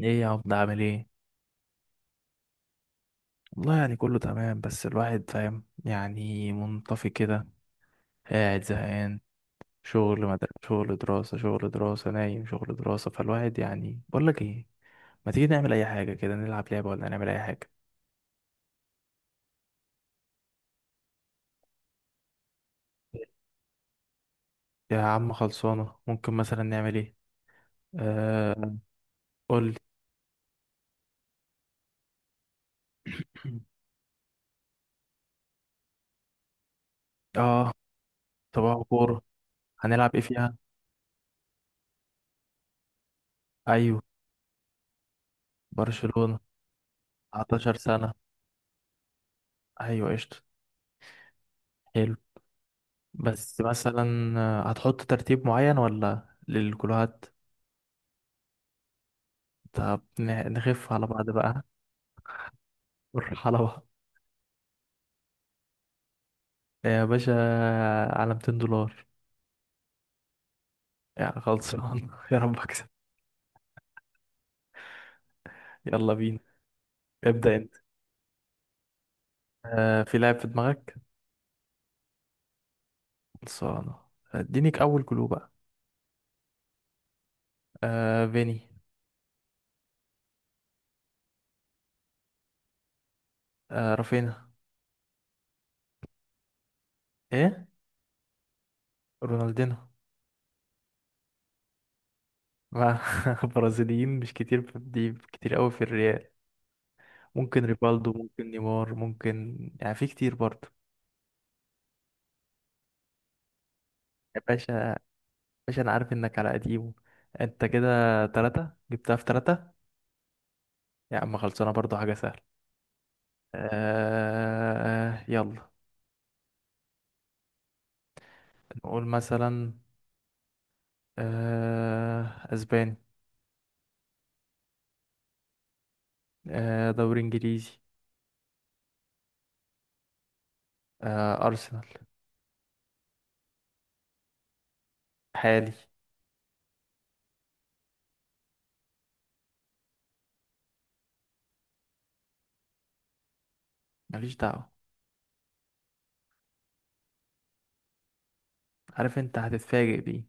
ايه يا عبد، عامل ايه؟ والله كله تمام، بس الواحد فاهم، منطفي كده، قاعد زهقان. شغل مد... شغل دراسة، شغل دراسة، نايم، شغل دراسة. فالواحد بقول لك ايه، ما تيجي نعمل اي حاجة كده، نلعب لعبة ولا نعمل اي حاجة؟ يا عم خلصانة، ممكن مثلا نعمل ايه؟ آه، قول لي. اه، صباح كورة. هنلعب ايه فيها؟ ايوه. برشلونة، 19 سنة. ايوه قشطة. حلو. بس مثلا هتحط ترتيب معين ولا للكلوهات؟ طب نخف على بعض بقى، نروح على بعض. يا باشا، على $200. خلصان. يا رب اكسب. يلا بينا. ابدأ انت. آه، في لاعب في دماغك؟ خلصانة. ادينيك اول كلو بقى. آه فيني. آه رافينا. ايه؟ رونالدينو. مع برازيليين مش كتير في دي، كتير قوي في الريال. ممكن ريفالدو، ممكن نيمار، ممكن في كتير برضه. يا باشا، باشا انا عارف انك على قديمه. انت كده تلاتة جبتها في تلاتة. يا عم خلصانة، برضو حاجة سهلة. آه يلا. نقول مثلا آه، اسباني. آه دوري انجليزي. آه ارسنال. حالي. ماليش دعوة. عارف انت هتتفاجئ بيه.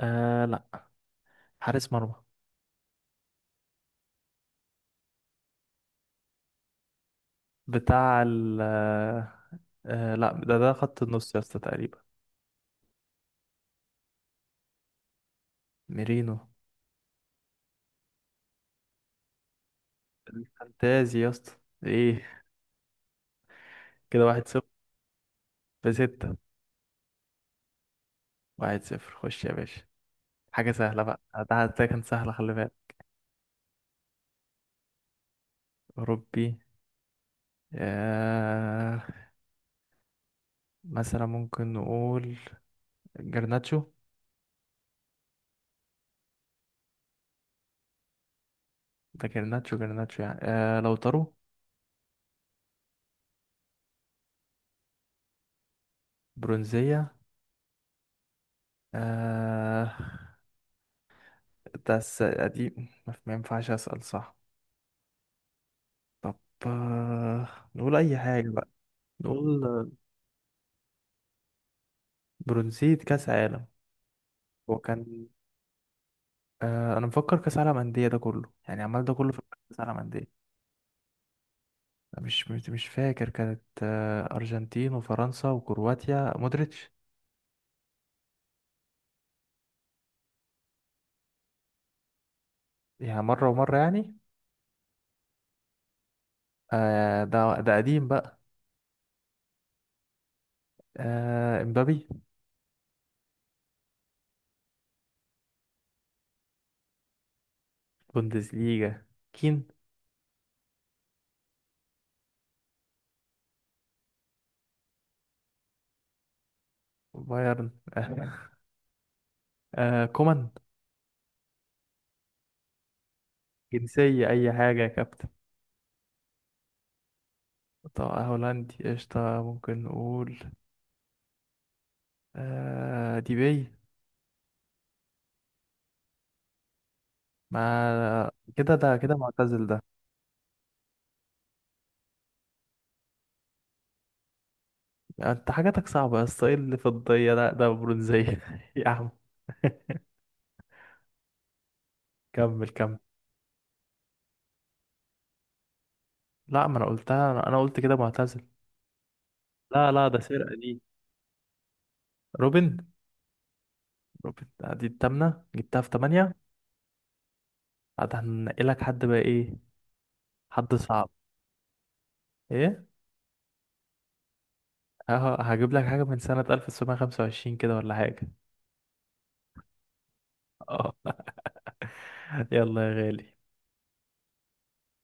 آه لا، حارس مرمى. بتاع ال آه لا ده خط النص يا اسطى تقريبا. ميرينو الفانتازي يا اسطى. ايه؟ كده واحد صفر، بستة. واحد صفر، خش يا باشا. حاجة سهلة بقى. ده كان سهلة، خلي بالك. أوروبي. آه، مثلا ممكن نقول جرناتشو. ده جرناتشو، جرناتشو آه لو طرو. برونزية. آه، ده قديم، ما ينفعش أسأل صح؟ طب. آه، نقول أي حاجة بقى. نقول آه، برونزية كأس عالم. هو كان آه، أنا مفكر كأس عالم أندية، ده كله عمال ده كله في كأس عالم أندية. مش فاكر، كانت آه، أرجنتين وفرنسا وكرواتيا، مودريتش. مرة ومرة آه ده قديم بقى. آه امبابي. بوندسليجا. كين. بايرن. آه. آه كومان. جنسية أي حاجة يا كابتن. طب هولندي قشطة، ممكن نقول آه ديبي. ما كده ده كده معتزل ده. انت حاجاتك صعبة يا اسطى، ايه اللي في الضية ده؟ ده برونزية. يا عم، كمل كمل. لا، ما انا قلتها، أنا قلت كده معتزل. لا لا، ده سرقة دي. روبن. روبن آه، دي التامنة جبتها في تمانية. بعد هنقلك حد بقى ايه؟ حد صعب. ايه؟ اه، هجيب لك حاجة من سنة 1925 كده ولا حاجة. اه. يلا يا غالي.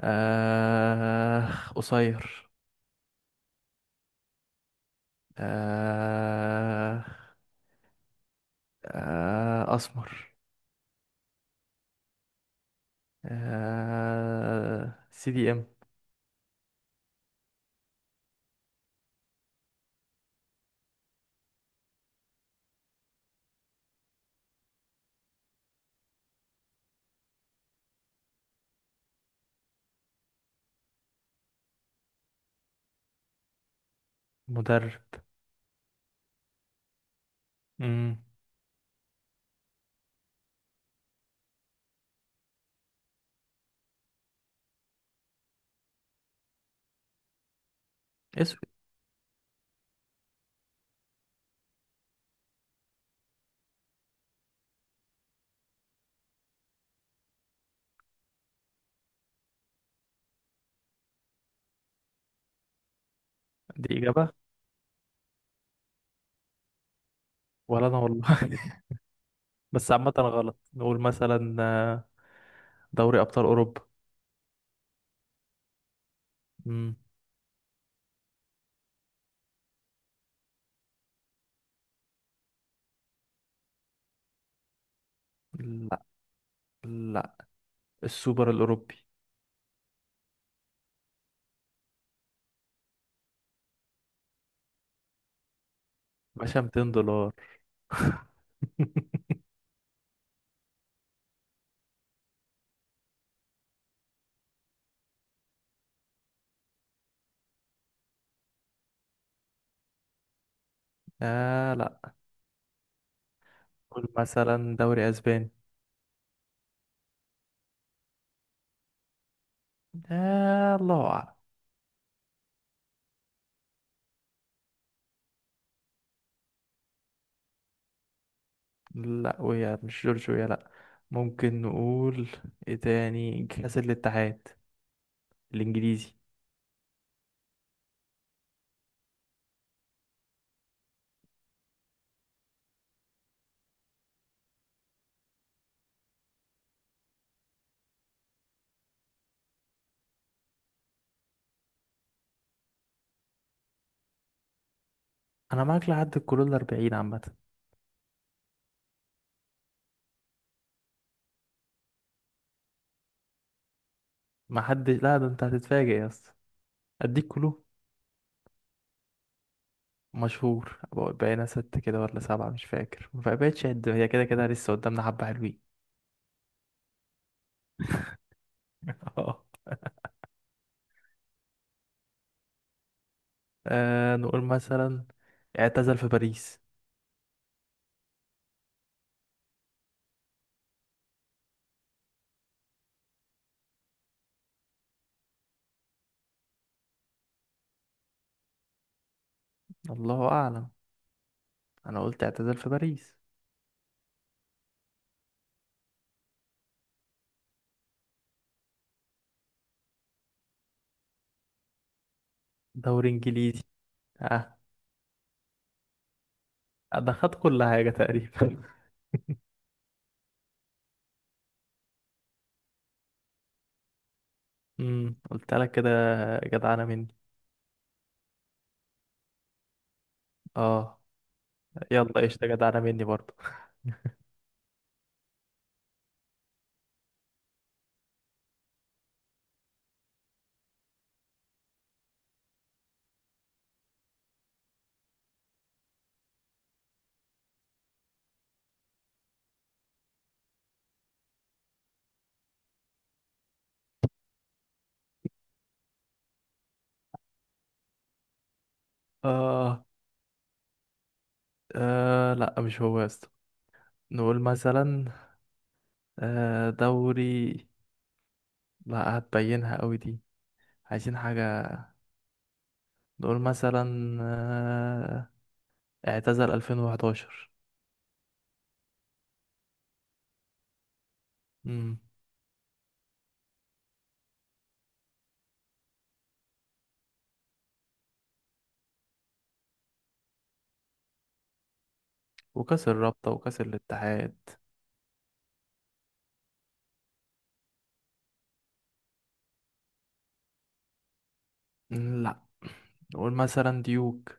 آه، قصير. آه. آه أسمر. آه سي دي ام. مدرب. مم. اسود. دي إجابة. ولا أنا والله. بس عامة غلط. نقول مثلا آه، دوري أبطال أوروبا. مم. لا لا، السوبر الأوروبي. باشا، $200. آه لا. قول مثلا دوري أسباني. آه الله أعلم. لا ويا، مش جورجيا، لا. ممكن نقول إيه تاني، كأس الاتحاد الإنجليزي. أنا معاك لحد الكلو الأربعين عامة. ما حد، لا ده أنت هتتفاجئ يا اسطى. أديك كلو. مشهور بقى- بقينا ست كده ولا سبعة، مش فاكر. ما بقتش قد هي، كده كده لسه قدامنا حبة حلوين. اه. آه، نقول مثلا اعتزل في باريس. الله أعلم. أنا قلت اعتزل في باريس. دوري إنجليزي. اه، ده خد كل حاجة تقريبا. امم، قلت لك كده، جدعانة مني. اه يلا قشطة، جدعانة مني برضو. آه. اه لا، مش هو يا اسطى. نقول مثلا آه دوري، لا هتبينها قوي دي. عايزين حاجة. نقول مثلا آه، اعتزل 2011. امم. وكاس الرابطة وكاس الاتحاد. مم، لا. نقول مثلا ديوك.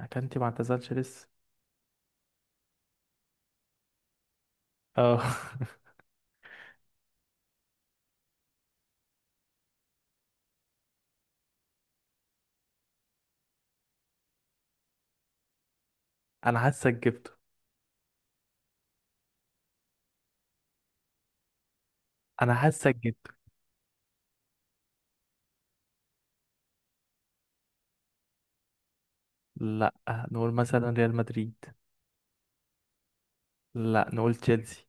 اكانتي ما اعتزلش لسه. اه. انا حاسك جبته. انا حاسك جبته. لا، نقول مثلا ريال مدريد. لا نقول تشيلسي.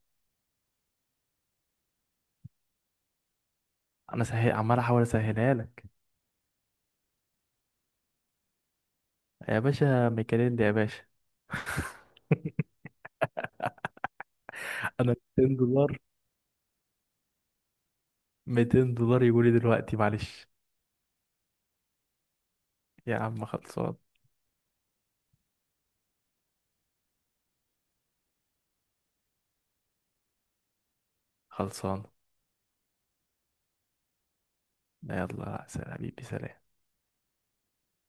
انا سهل عمال احاول اسهلها لك. يا باشا ميكاليل، يا باشا. انا $200، $200 يقولي دلوقتي، معلش. يا عم خلصان. خلصان. يلا سلام حبيبي، سلام.